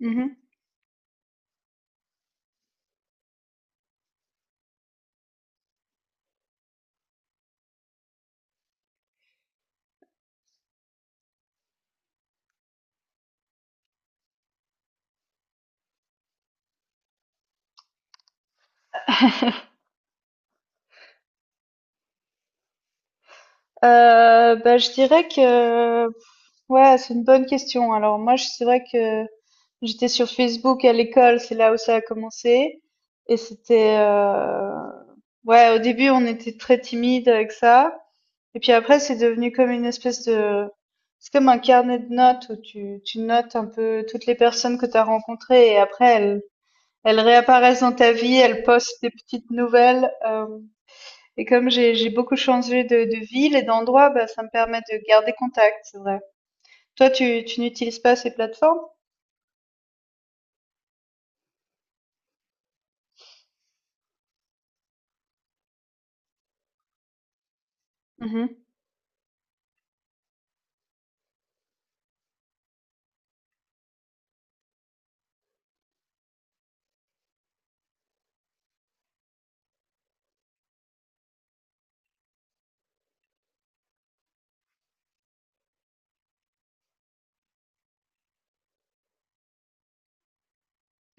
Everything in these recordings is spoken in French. Mmh mh. Bah, je dirais que ouais, c'est une bonne question. Alors moi, je c'est vrai que j'étais sur Facebook à l'école, c'est là où ça a commencé et c'était, ouais, au début, on était très timide avec ça et puis après, c'est devenu comme une espèce de c'est comme un carnet de notes où tu notes un peu toutes les personnes que tu as rencontrées et après elles réapparaissent dans ta vie, elles postent des petites nouvelles, hem Et comme j'ai beaucoup changé de ville et d'endroit, bah, ça me permet de garder contact, c'est vrai. Toi, tu n'utilises pas ces plateformes? Mmh.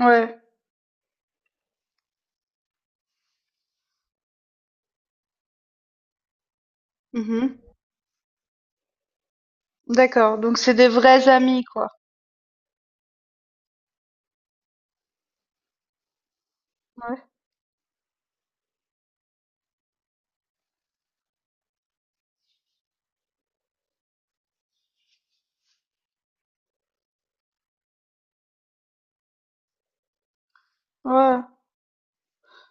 Ouais. Mmh. D'accord, donc c'est des vrais amis, quoi. Ouais. Ouais.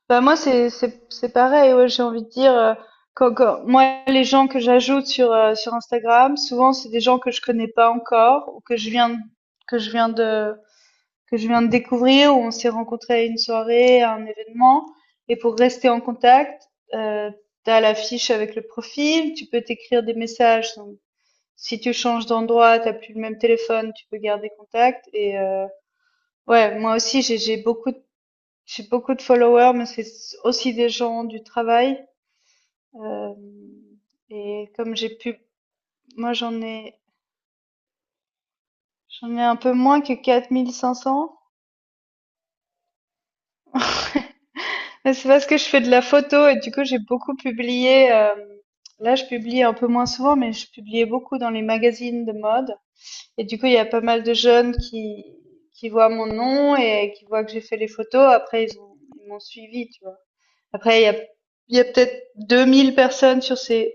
Bah, moi, c'est pareil, ouais, j'ai envie de dire, quand moi, les gens que j'ajoute sur Instagram, souvent, c'est des gens que je connais pas encore ou que je viens de que je viens de découvrir, où on s'est rencontrés à une soirée, à un événement. Et pour rester en contact, tu as la fiche avec le profil, tu peux t'écrire des messages. Donc, si tu changes d'endroit, t'as plus le même téléphone, tu peux garder contact. Et ouais, moi aussi, j'ai beaucoup de followers, mais c'est aussi des gens du travail. Euh, et comme j'ai pu, moi j'en ai un peu moins que 4 500. Mais c'est parce que je fais de la photo et du coup j'ai beaucoup publié. Là je publie un peu moins souvent, mais je publiais beaucoup dans les magazines de mode. Et du coup il y a pas mal de jeunes qui voient mon nom et qui voient que j'ai fait les photos. Après ils m'ont suivi, tu vois. Après il y a peut-être 2 000 personnes sur ces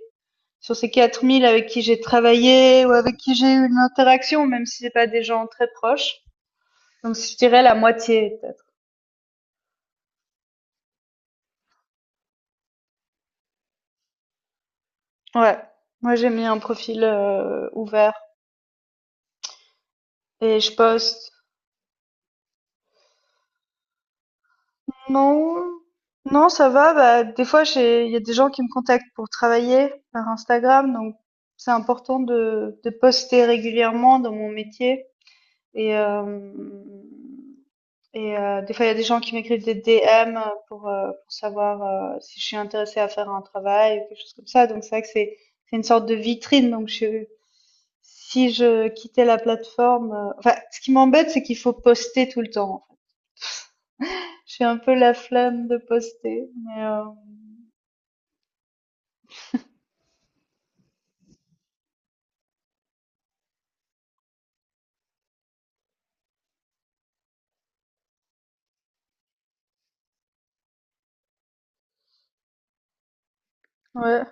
sur ces 4 000 avec qui j'ai travaillé ou avec qui j'ai eu une interaction, même si c'est pas des gens très proches. Donc je dirais la moitié peut-être. Ouais. Moi j'ai mis un profil ouvert. Et je poste. Non, non, ça va. Bah, des fois, il y a des gens qui me contactent pour travailler par Instagram, donc c'est important de poster régulièrement dans mon métier. Et, euh, et, des fois, il y a des gens qui m'écrivent des DM pour savoir si je suis intéressée à faire un travail ou quelque chose comme ça. Donc c'est vrai que c'est une sorte de vitrine. Donc si je quittais la plateforme, enfin, ce qui m'embête, c'est qu'il faut poster tout le temps. J'ai un peu la flemme de poster, mais ouais.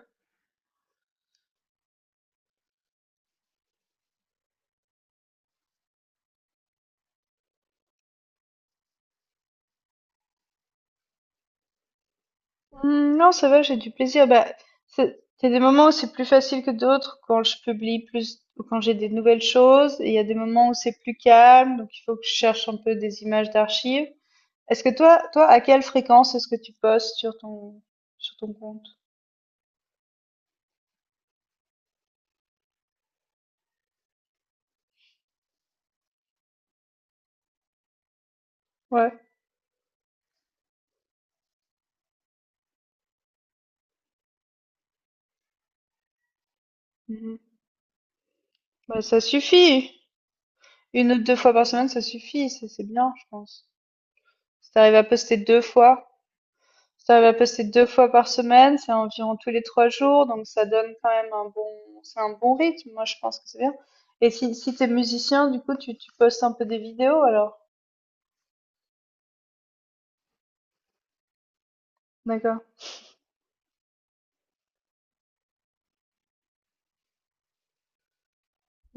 Hmm, non, ça va, j'ai du plaisir. Bah, il y a des moments où c'est plus facile que d'autres quand je publie plus ou quand j'ai des nouvelles choses. Et il y a des moments où c'est plus calme, donc il faut que je cherche un peu des images d'archives. Est-ce que toi, à quelle fréquence est-ce que tu postes sur ton compte? Ouais. Mhm. Bah, ça suffit. Une ou deux fois par semaine, ça suffit. C'est bien, je pense. Si t'arrives à poster deux fois. Ça va passer 2 fois par semaine, c'est environ tous les 3 jours, donc ça donne quand même un bon c'est un bon rythme, moi je pense que c'est bien. Et si t'es musicien, du coup tu postes un peu des vidéos alors? D'accord,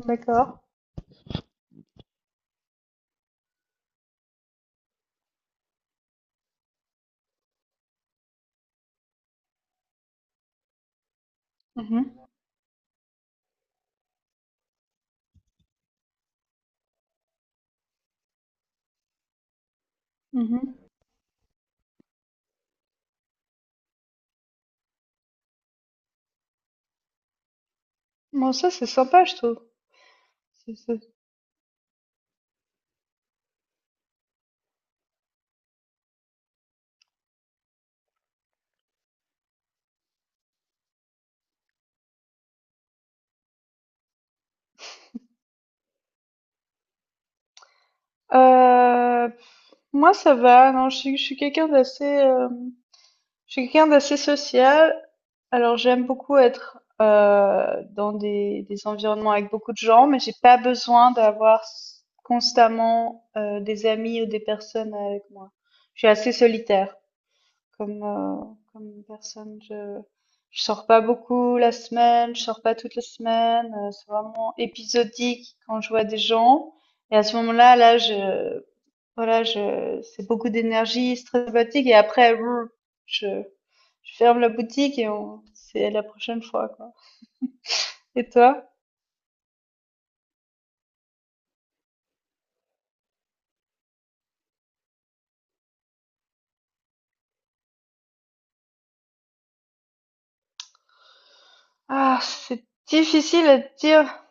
d'accord. Mhm, mhm. Bon ça c'est sympa je trouve. C'est heu, moi ça va, non je suis quelqu'un d'assez, je suis quelqu'un d'assez social, alors j'aime beaucoup être dans des environnements avec beaucoup de gens, mais j'ai pas besoin d'avoir constamment des amis ou des personnes avec moi. Je suis assez solitaire comme euh, comme personne. Je sors pas beaucoup la semaine, je sors pas toute la semaine. C'est vraiment épisodique quand je vois des gens. Et à ce moment-là, là, je voilà, c'est beaucoup d'énergie, c'est très fatigue et après, brr, je, je ferme la boutique et on, c'est la prochaine fois, quoi. Et toi? Ah, c'est difficile à dire.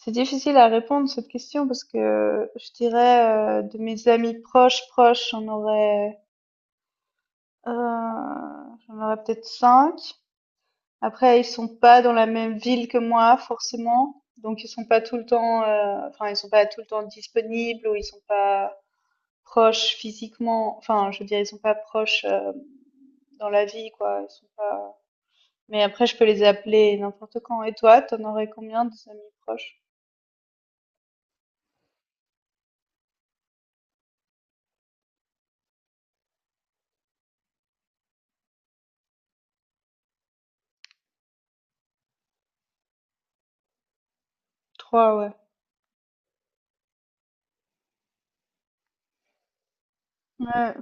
C'est difficile à répondre cette question parce que je dirais de mes amis proches, proches, euh, j'en aurais peut-être cinq. Après, ils sont pas dans la même ville que moi, forcément. Donc, ils sont pas tout le temps, enfin, ils sont pas tout le temps disponibles ou ils sont pas, proches physiquement. Enfin, je veux dire, ils sont pas proches dans la vie, quoi. Ils sont pas... Mais après, je peux les appeler n'importe quand. Et toi, t'en aurais combien de amis proches? Trois, ouais. Ouais.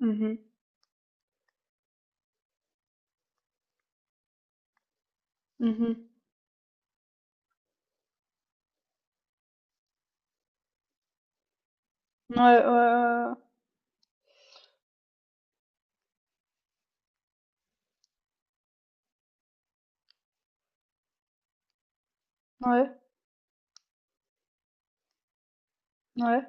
Mhm. Mhm. Ouais, ouais, ouais, ouais. Ouais,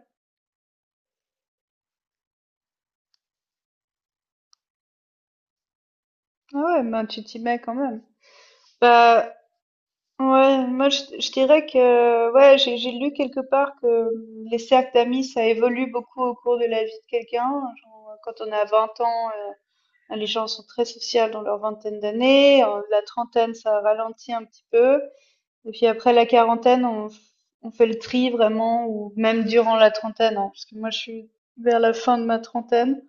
ah ouais, ben tu t'y mets quand même. Bah, ouais, moi je dirais que, ouais, j'ai lu quelque part que les cercles d'amis, ça évolue beaucoup au cours de la vie de quelqu'un. Genre, quand on a 20 ans, les gens sont très sociaux dans leur vingtaine d'années. En la trentaine, ça ralentit un petit peu. Et puis après la quarantaine, on fait le tri vraiment, ou même durant la trentaine, hein, parce que moi, je suis vers la fin de ma trentaine.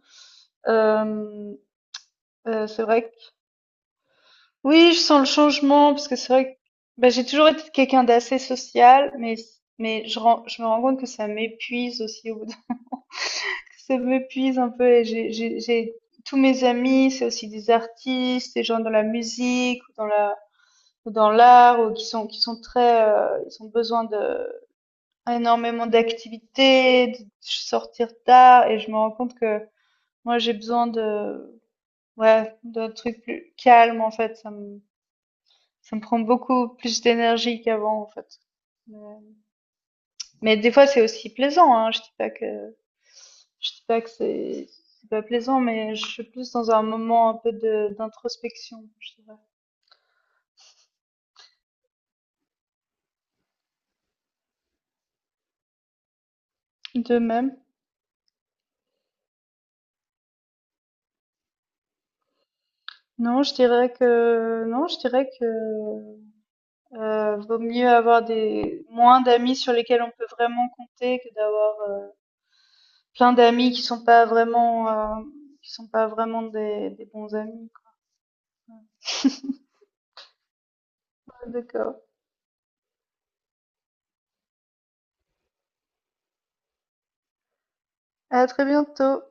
Euh, c'est vrai que oui, je sens le changement parce que c'est vrai que bah, j'ai toujours été quelqu'un d'assez social, mais je, je me rends compte que ça m'épuise aussi au bout. Ça m'épuise un peu et j'ai tous mes amis, c'est aussi des artistes, des gens dans la musique, ou dans l'art, ou qui sont très ils ont besoin de énormément d'activités, de sortir tard et je me rends compte que moi j'ai besoin de ouais, d'un truc plus calme en fait, ça me prend beaucoup plus d'énergie qu'avant en fait. Mais mais des fois c'est aussi plaisant, hein, je dis pas que c'est pas plaisant, mais je suis plus dans un moment un peu de d'introspection, je dirais. De même. Non, je dirais que non, je dirais que vaut mieux avoir des moins d'amis sur lesquels on peut vraiment compter que d'avoir plein d'amis qui sont pas vraiment qui sont pas vraiment des bons amis, quoi. D'accord. À très bientôt.